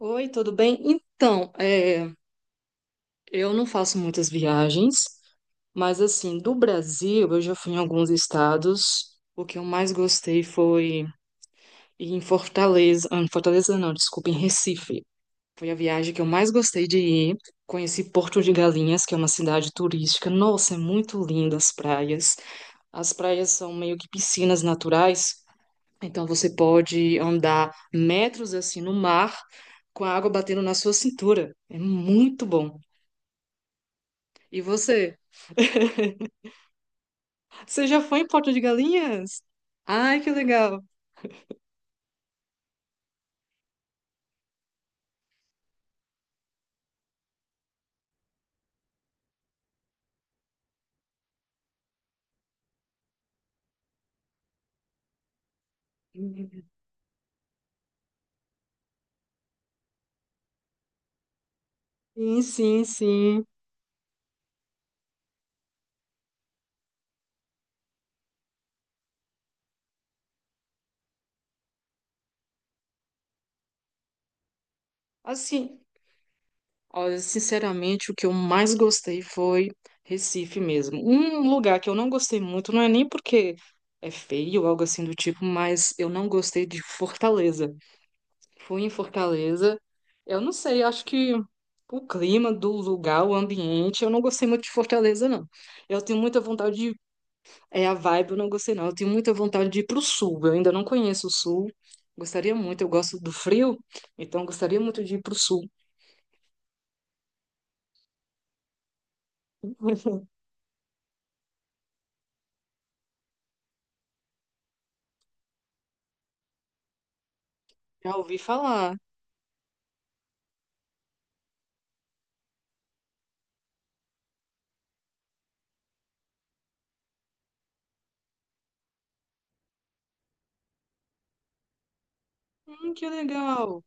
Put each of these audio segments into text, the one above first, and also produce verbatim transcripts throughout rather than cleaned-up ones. Oi, tudo bem? Então, é, eu não faço muitas viagens, mas assim, do Brasil eu já fui em alguns estados. O que eu mais gostei foi ir em Fortaleza, ah, em Fortaleza não, desculpa, em Recife. Foi a viagem que eu mais gostei de ir. Conheci Porto de Galinhas, que é uma cidade turística. Nossa, é muito linda as praias. As praias são meio que piscinas naturais, então você pode andar metros assim no mar com a água batendo na sua cintura. É muito bom. E você? Você já foi em Porto de Galinhas? Ai, que legal. Sim, sim, sim. Assim, olha, sinceramente, o que eu mais gostei foi Recife mesmo. Um lugar que eu não gostei muito, não é nem porque é feio ou algo assim do tipo, mas eu não gostei de Fortaleza. Fui em Fortaleza. Eu não sei, acho que o clima do lugar, o ambiente, eu não gostei muito de Fortaleza, não. Eu tenho muita vontade de. É a vibe, eu não gostei, não. Eu tenho muita vontade de ir pro sul. Eu ainda não conheço o sul. Gostaria muito, eu gosto do frio, então gostaria muito de ir pro sul. Já ouvi falar. Hum, que legal.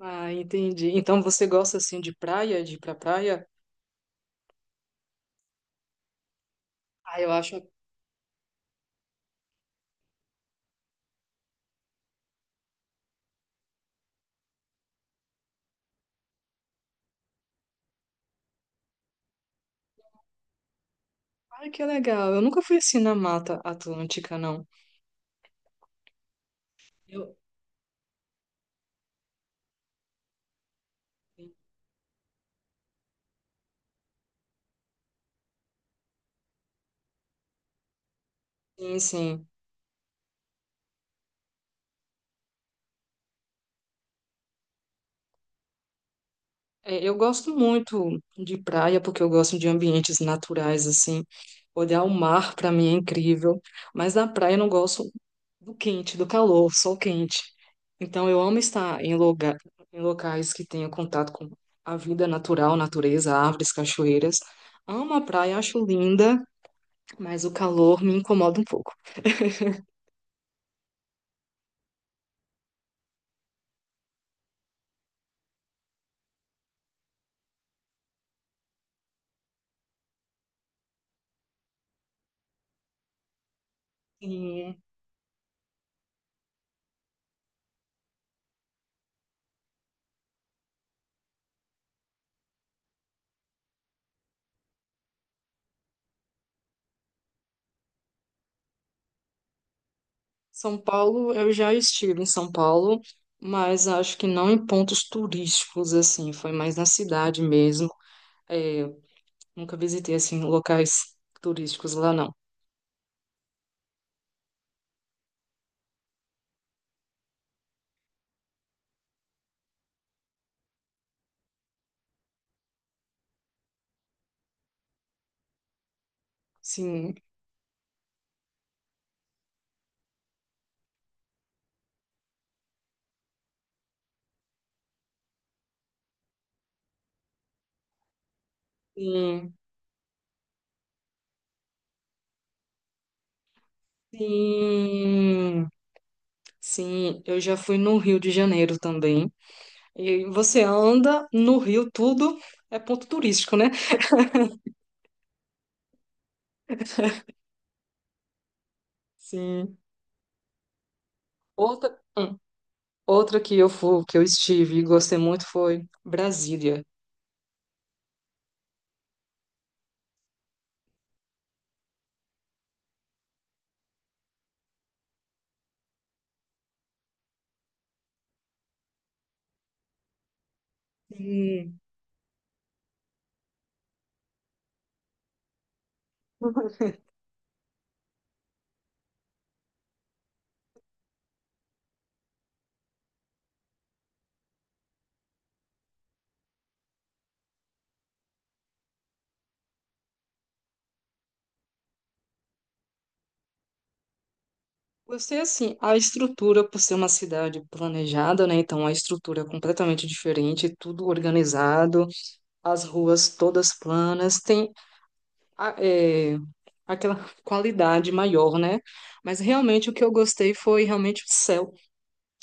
Ah, entendi. Então você gosta assim de praia, de ir pra praia? Ah, eu acho. Ah, que legal. Eu nunca fui assim na Mata Atlântica, não. Eu... Sim, sim. É, eu gosto muito de praia porque eu gosto de ambientes naturais, assim. Olhar o mar para mim é incrível, mas na praia eu não gosto do quente, do calor, sol quente. Então eu amo estar em lugar, em locais que tenha contato com a vida natural, natureza, árvores, cachoeiras. Amo a praia, acho linda, mas o calor me incomoda um pouco. Sim. São Paulo, eu já estive em São Paulo, mas acho que não em pontos turísticos, assim, foi mais na cidade mesmo. É, nunca visitei, assim, locais turísticos lá, não. Sim, sim, sim, sim, eu já fui no Rio de Janeiro também. E você anda no Rio, tudo é ponto turístico, né? Sim. Outra, hum, outra que eu fui, que eu estive e gostei muito foi Brasília. Sim. Gostei assim, a estrutura, por ser uma cidade planejada, né? Então a estrutura é completamente diferente, tudo organizado, as ruas todas planas, tem a- é, aquela qualidade maior, né? Mas realmente o que eu gostei foi realmente o céu.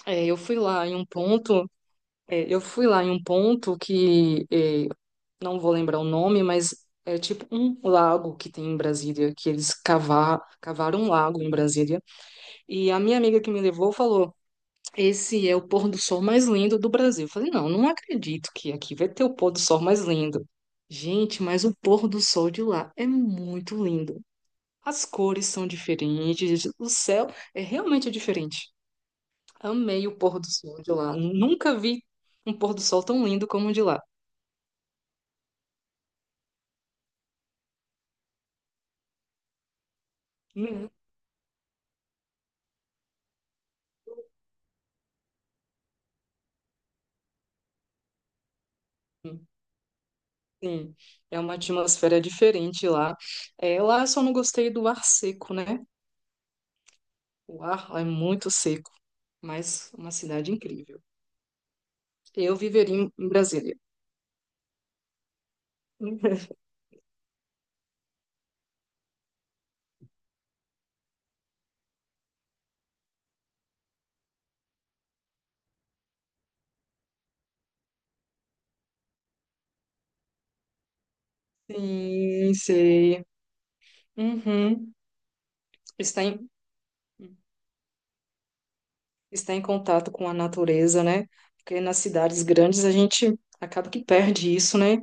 É, eu fui lá em um ponto, é, eu fui lá em um ponto que é, não vou lembrar o nome, mas é tipo um lago que tem em Brasília, que eles cavar, cavaram um lago em Brasília. E a minha amiga que me levou falou: esse é o pôr do sol mais lindo do Brasil. Eu falei, não, não acredito que aqui vai ter o pôr do sol mais lindo. Gente, mas o pôr do sol de lá é muito lindo. As cores são diferentes, o céu é realmente diferente. Amei o pôr do sol de lá. Nunca vi um pôr do sol tão lindo como o de lá. Mesmo. Sim, é uma atmosfera diferente lá. É, lá eu só não gostei do ar seco, né? O ar lá é muito seco, mas uma cidade incrível. Eu viveria em em Brasília. Sim, sei. Uhum. Está em, está em contato com a natureza, né? Porque nas cidades grandes a gente acaba que perde isso, né?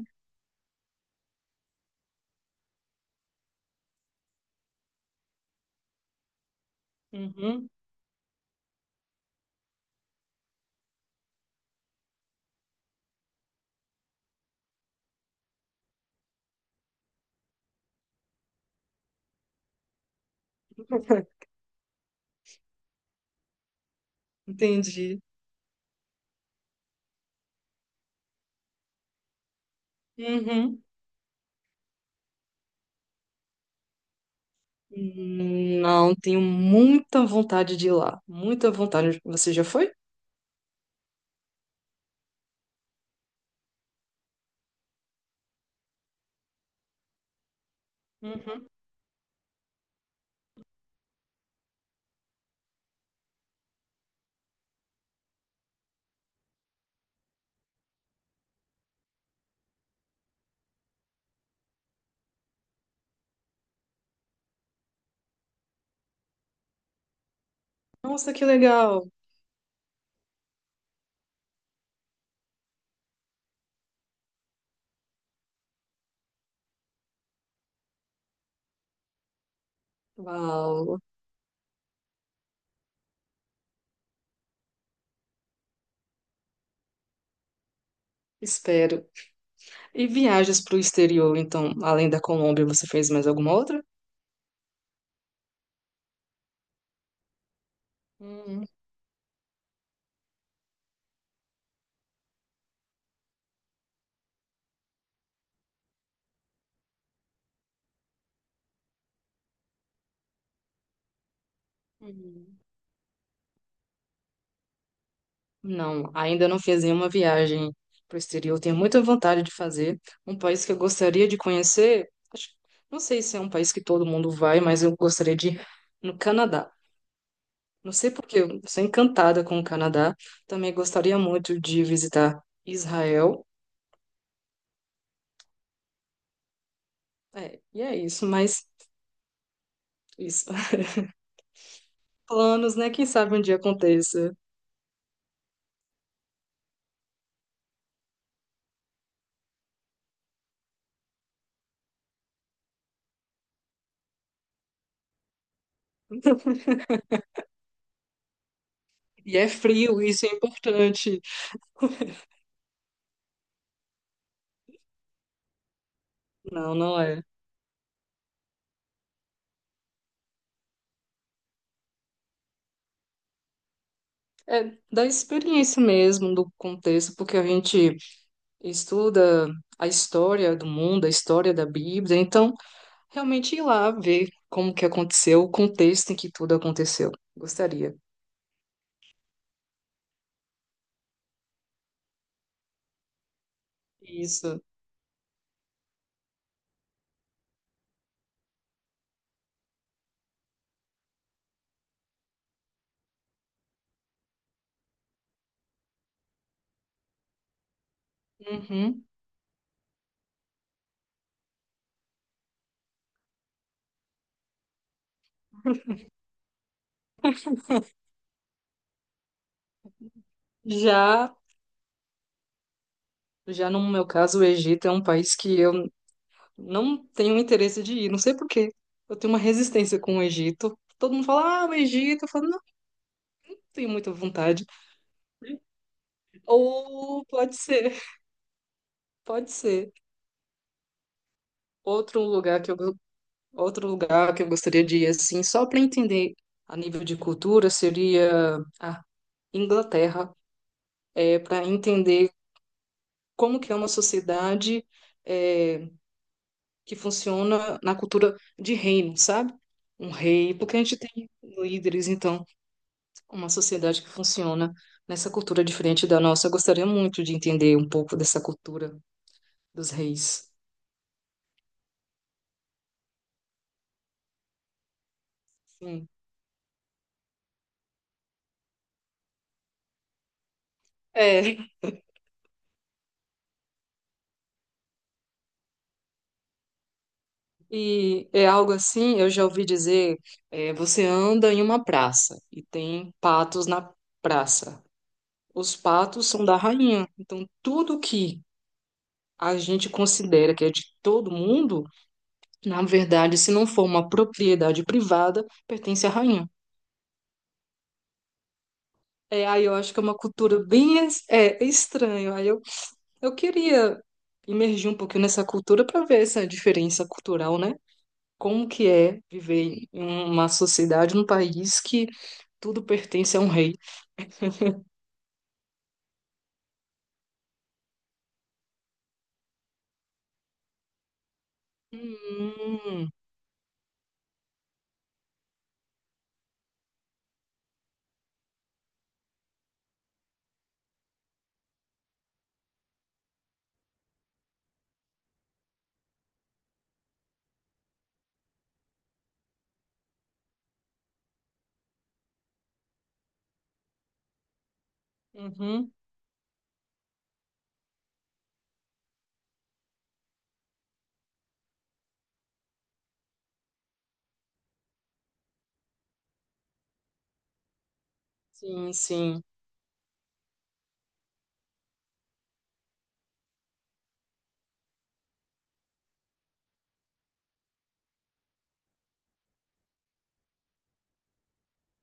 Uhum. Entendi. Uhum. Não, tenho muita vontade de ir lá. Muita vontade. Você já foi? Uhum. Nossa, que legal. Uau, espero. E viagens para o exterior, então, além da Colômbia, você fez mais alguma outra? Uhum. Não, ainda não fiz nenhuma viagem para o exterior. Tenho muita vontade de fazer. Um país que eu gostaria de conhecer, acho- não sei se é um país que todo mundo vai, mas eu gostaria de ir no Canadá. Não sei porque eu sou encantada com o Canadá. Também gostaria muito de visitar Israel. É, e é isso, mas isso. Planos, né? Quem sabe um dia aconteça. E é frio, isso é importante. Não, não é. É da experiência mesmo, do contexto, porque a gente estuda a história do mundo, a história da Bíblia, então realmente ir lá ver como que aconteceu, o contexto em que tudo aconteceu. Gostaria. Isso. Uhum. Já, já no meu caso, o Egito é um país que eu não tenho interesse de ir, não sei por quê. Eu tenho uma resistência com o Egito. Todo mundo fala, ah, o Egito. Eu falo, não, não tenho muita vontade. Ou pode ser, pode ser. Outro lugar que eu Outro lugar que eu gostaria de ir, assim, só para entender a nível de cultura, seria a Inglaterra, é, para entender como que é uma sociedade é, que funciona na cultura de reino, sabe? Um rei, porque a gente tem líderes, então, uma sociedade que funciona nessa cultura diferente da nossa. Eu gostaria muito de entender um pouco dessa cultura dos reis. Sim. É, e é algo assim, eu já ouvi dizer, é, você anda em uma praça e tem patos na praça. Os patos são da rainha. Então, tudo que a gente considera que é de todo mundo, na verdade, se não for uma propriedade privada, pertence à rainha. É, aí eu acho que é uma cultura bem es- é, estranha. Aí eu, eu queria imergir um pouquinho nessa cultura para ver essa diferença cultural, né? Como que é viver em uma sociedade, num país que tudo pertence a um rei. Hum, uhum, sim, sim.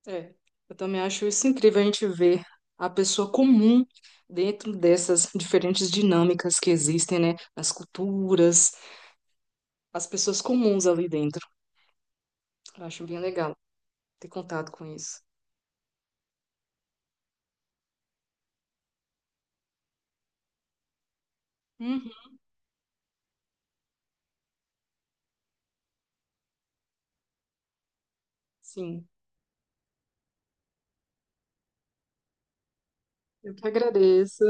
É, eu também acho isso incrível a gente ver a pessoa comum dentro dessas diferentes dinâmicas que existem, né? As culturas, as pessoas comuns ali dentro. Eu acho bem legal ter contato com isso. Uhum, sim, eu que agradeço.